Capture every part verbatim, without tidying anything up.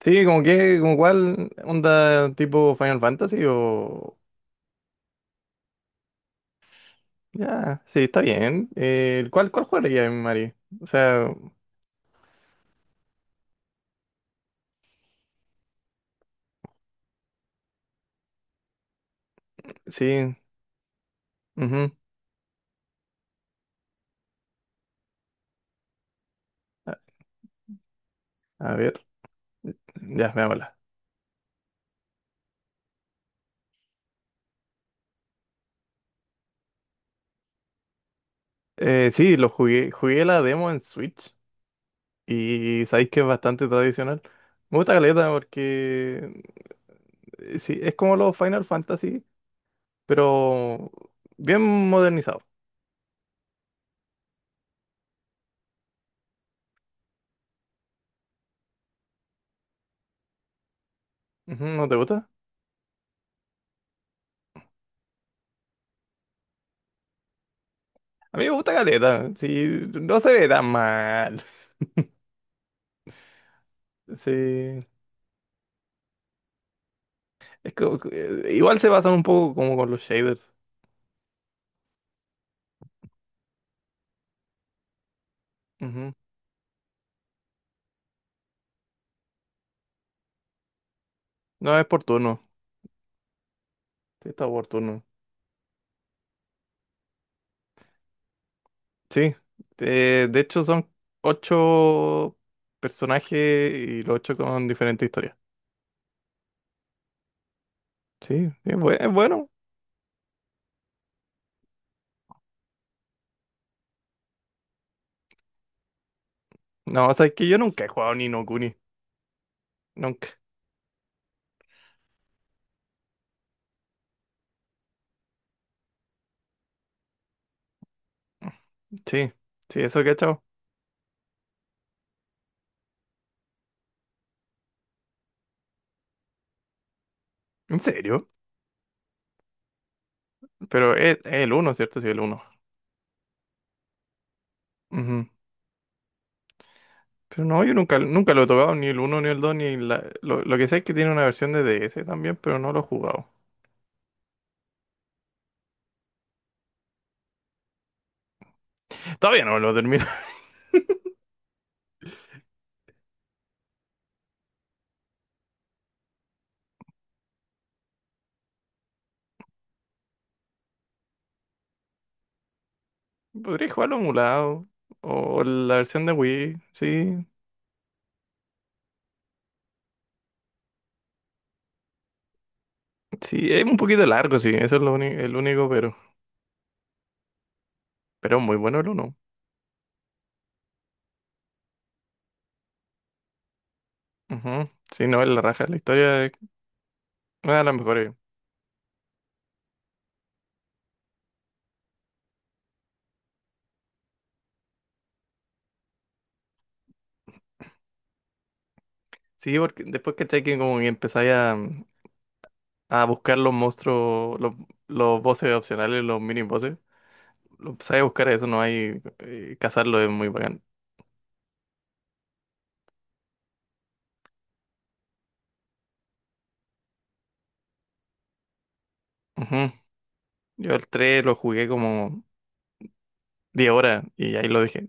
Sí, como que, como cuál onda tipo Final Fantasy o... Ya, sí, está bien. Eh, ¿cuál, cuál jugaría, en Mari? O sea, sí. Ujú. A, a ver, ya, veámosla. Eh, sí, lo jugué, jugué la demo en Switch y sabéis que es bastante tradicional. Me gusta caleta porque eh, sí, es como los Final Fantasy, pero bien modernizado. Ujú, ¿no te gusta? A mí me gusta caleta, sí, no se ve tan mal. Sí. Es que, eh, igual se basan un poco como con los shaders. Ujú. No es por turno. Sí, está por turno. Sí. Eh, de hecho, son ocho personajes y los ocho con diferentes historias. Sí, es bue- es bueno. No, o sea, es que yo nunca he jugado ni no Kuni. Nunca. Sí, sí, eso que he echado. ¿En serio? Pero es, es el uno, ¿cierto? Sí, el uno. Ujú. Pero no, yo nunca, nunca lo he tocado, ni el uno, ni el dos, ni la... Lo, lo que sé es que tiene una versión de D S también, pero no lo he jugado. Todavía no lo termino. Podría jugarlo emulado. O la versión de Wii. Sí. Sí, es un poquito largo, sí. Eso es lo uni- el único, pero. Pero muy bueno el uno. Ujú. Sí, no, es la raja. La historia es una de las mejores. Sí, porque después caché que como que empezáis a, a buscar los monstruos, los, los bosses opcionales, los mini bosses. Lo empezáis a buscar eso, no hay. eh, cazarlo es muy bacán. Ujú. Yo el tres lo jugué como diez horas y ahí lo dejé.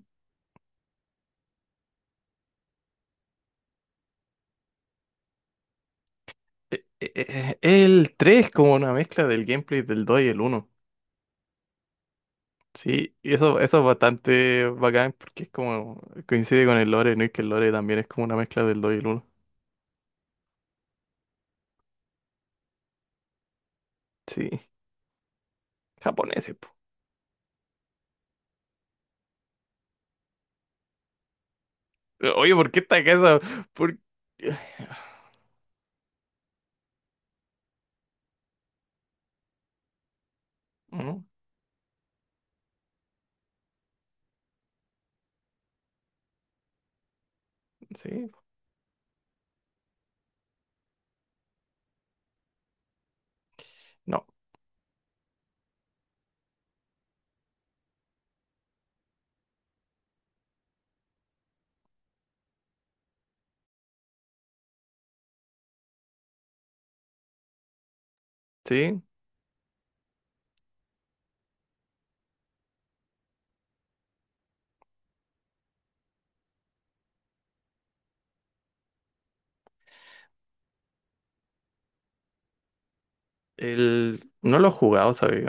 Eh, eh, eh, El tres como una mezcla del gameplay del dos y el uno. Sí, y eso, eso es bastante bacán porque es como coincide con el lore, ¿no? Y que el lore también es como una mezcla del dos y el uno. Sí, japoneses, po. Eh, Oye, ¿por qué esta casa? ¿Por... ¿No? Sí, no, sí. El... No lo he jugado, ¿sabes?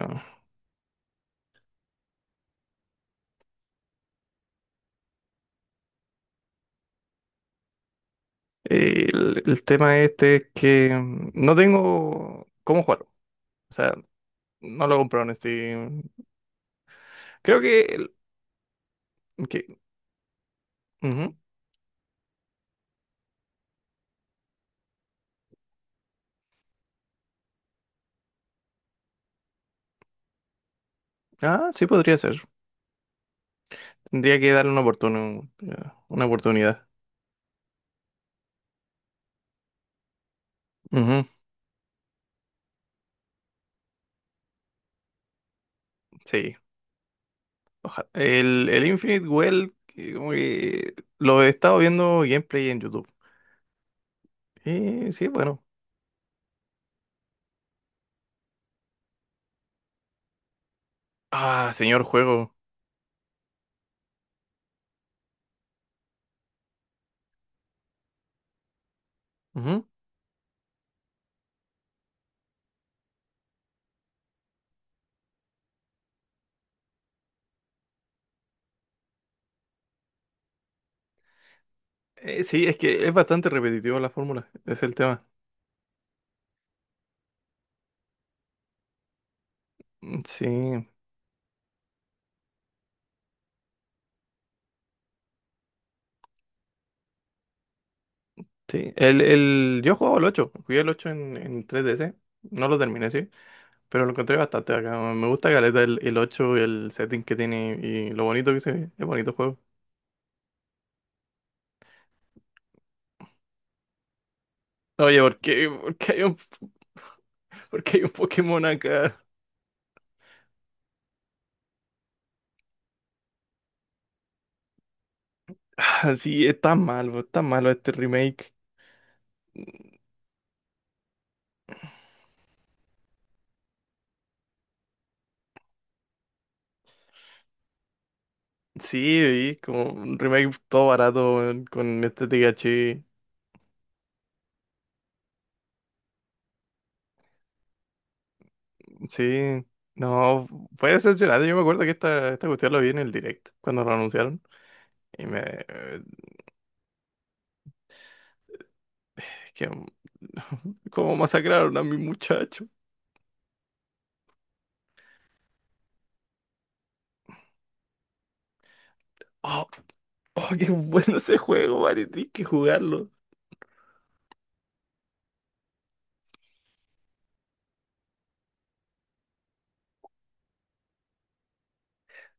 El, el tema este es que mm, no tengo cómo jugarlo. O sea, no lo he comprado en Steam. Creo que... el- que... ujú. Ah, sí podría ser. Tendría que darle una oportun- una oportunidad. Ujú, sí. Oja- el, el Infinite Well, que como que lo he estado viendo gameplay en YouTube. Y sí, bueno. Ah, señor juego. Ujú. Eh, sí, es que es bastante repetitivo la fórmula. Es el tema. Mm, sí, sí. El, el, yo jugaba el ocho. Jugué el ocho en, en tres D ds. No lo terminé, sí. Pero lo encontré bastante acá. Me gusta caleta el, el ocho, el setting que tiene y lo bonito que se ve. Es bonito juego. Oye, ¿por qué? ¿Por qué hay un... Porque hay un Pokémon acá. Sí, está malo, está malo este remake. Sí, y como un remake todo barato weón, con este T H X. Sí, no, fue decepcionante. Yo me acuerdo que esta, esta cuestión lo vi en el direct cuando lo anunciaron. Y me. eh, Es que. Como masacraron a mi muchacho. Oh, oh, qué bueno ese juego, vale, tienes que jugarlo.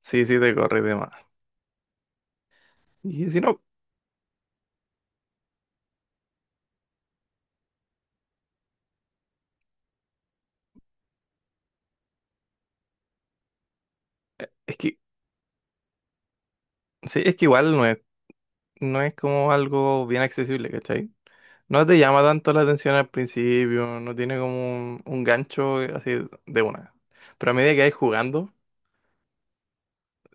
Sí, sí, te corre de más. Y si no, es que. Sí, es que igual no es, no es como algo bien accesible, ¿cachai? No te llama tanto la atención al principio, no tiene como un, un gancho así de una. Pero a medida que vais jugando,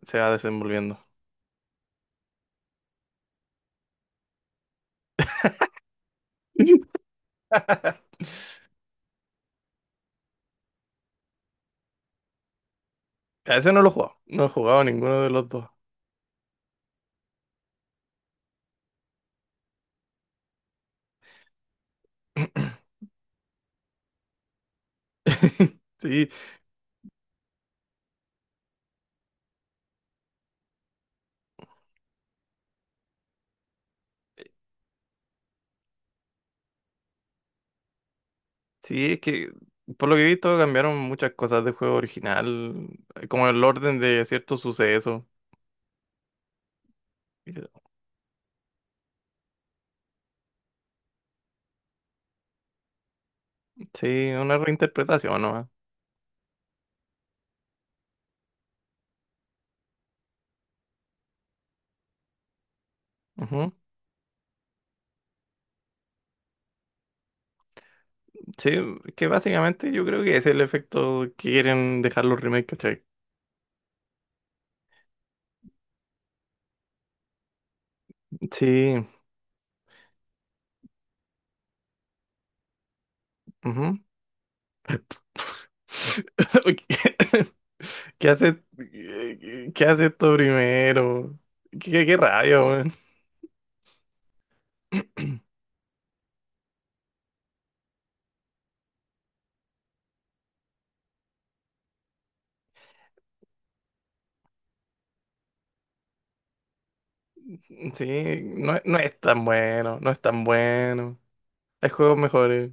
se va desenvolviendo. A ese no lo he jugado, no he jugado ninguno de los dos. Sí, sí, es que por lo que he visto cambiaron muchas cosas del juego original, eh, como el orden de ciertos sucesos. Sí, una reinterpretación nomás. Ujú. Sí, que básicamente yo creo que ese es el efecto que quieren dejar los remakes, ¿cachai? Sí, ujú. ¿Qué qué hace, qué hace esto primero? Qué, qué qué rabia, weón. Sí, no, no es tan bueno, no es tan bueno. Hay juegos mejores.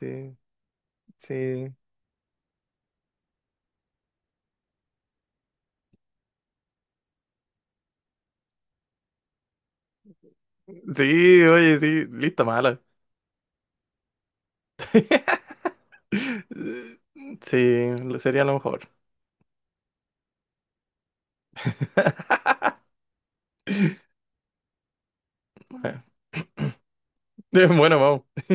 Sí, sí. Sí, oye, sí, lista mala. Sí, lo- sería lo mejor. Bueno, bueno, vamos.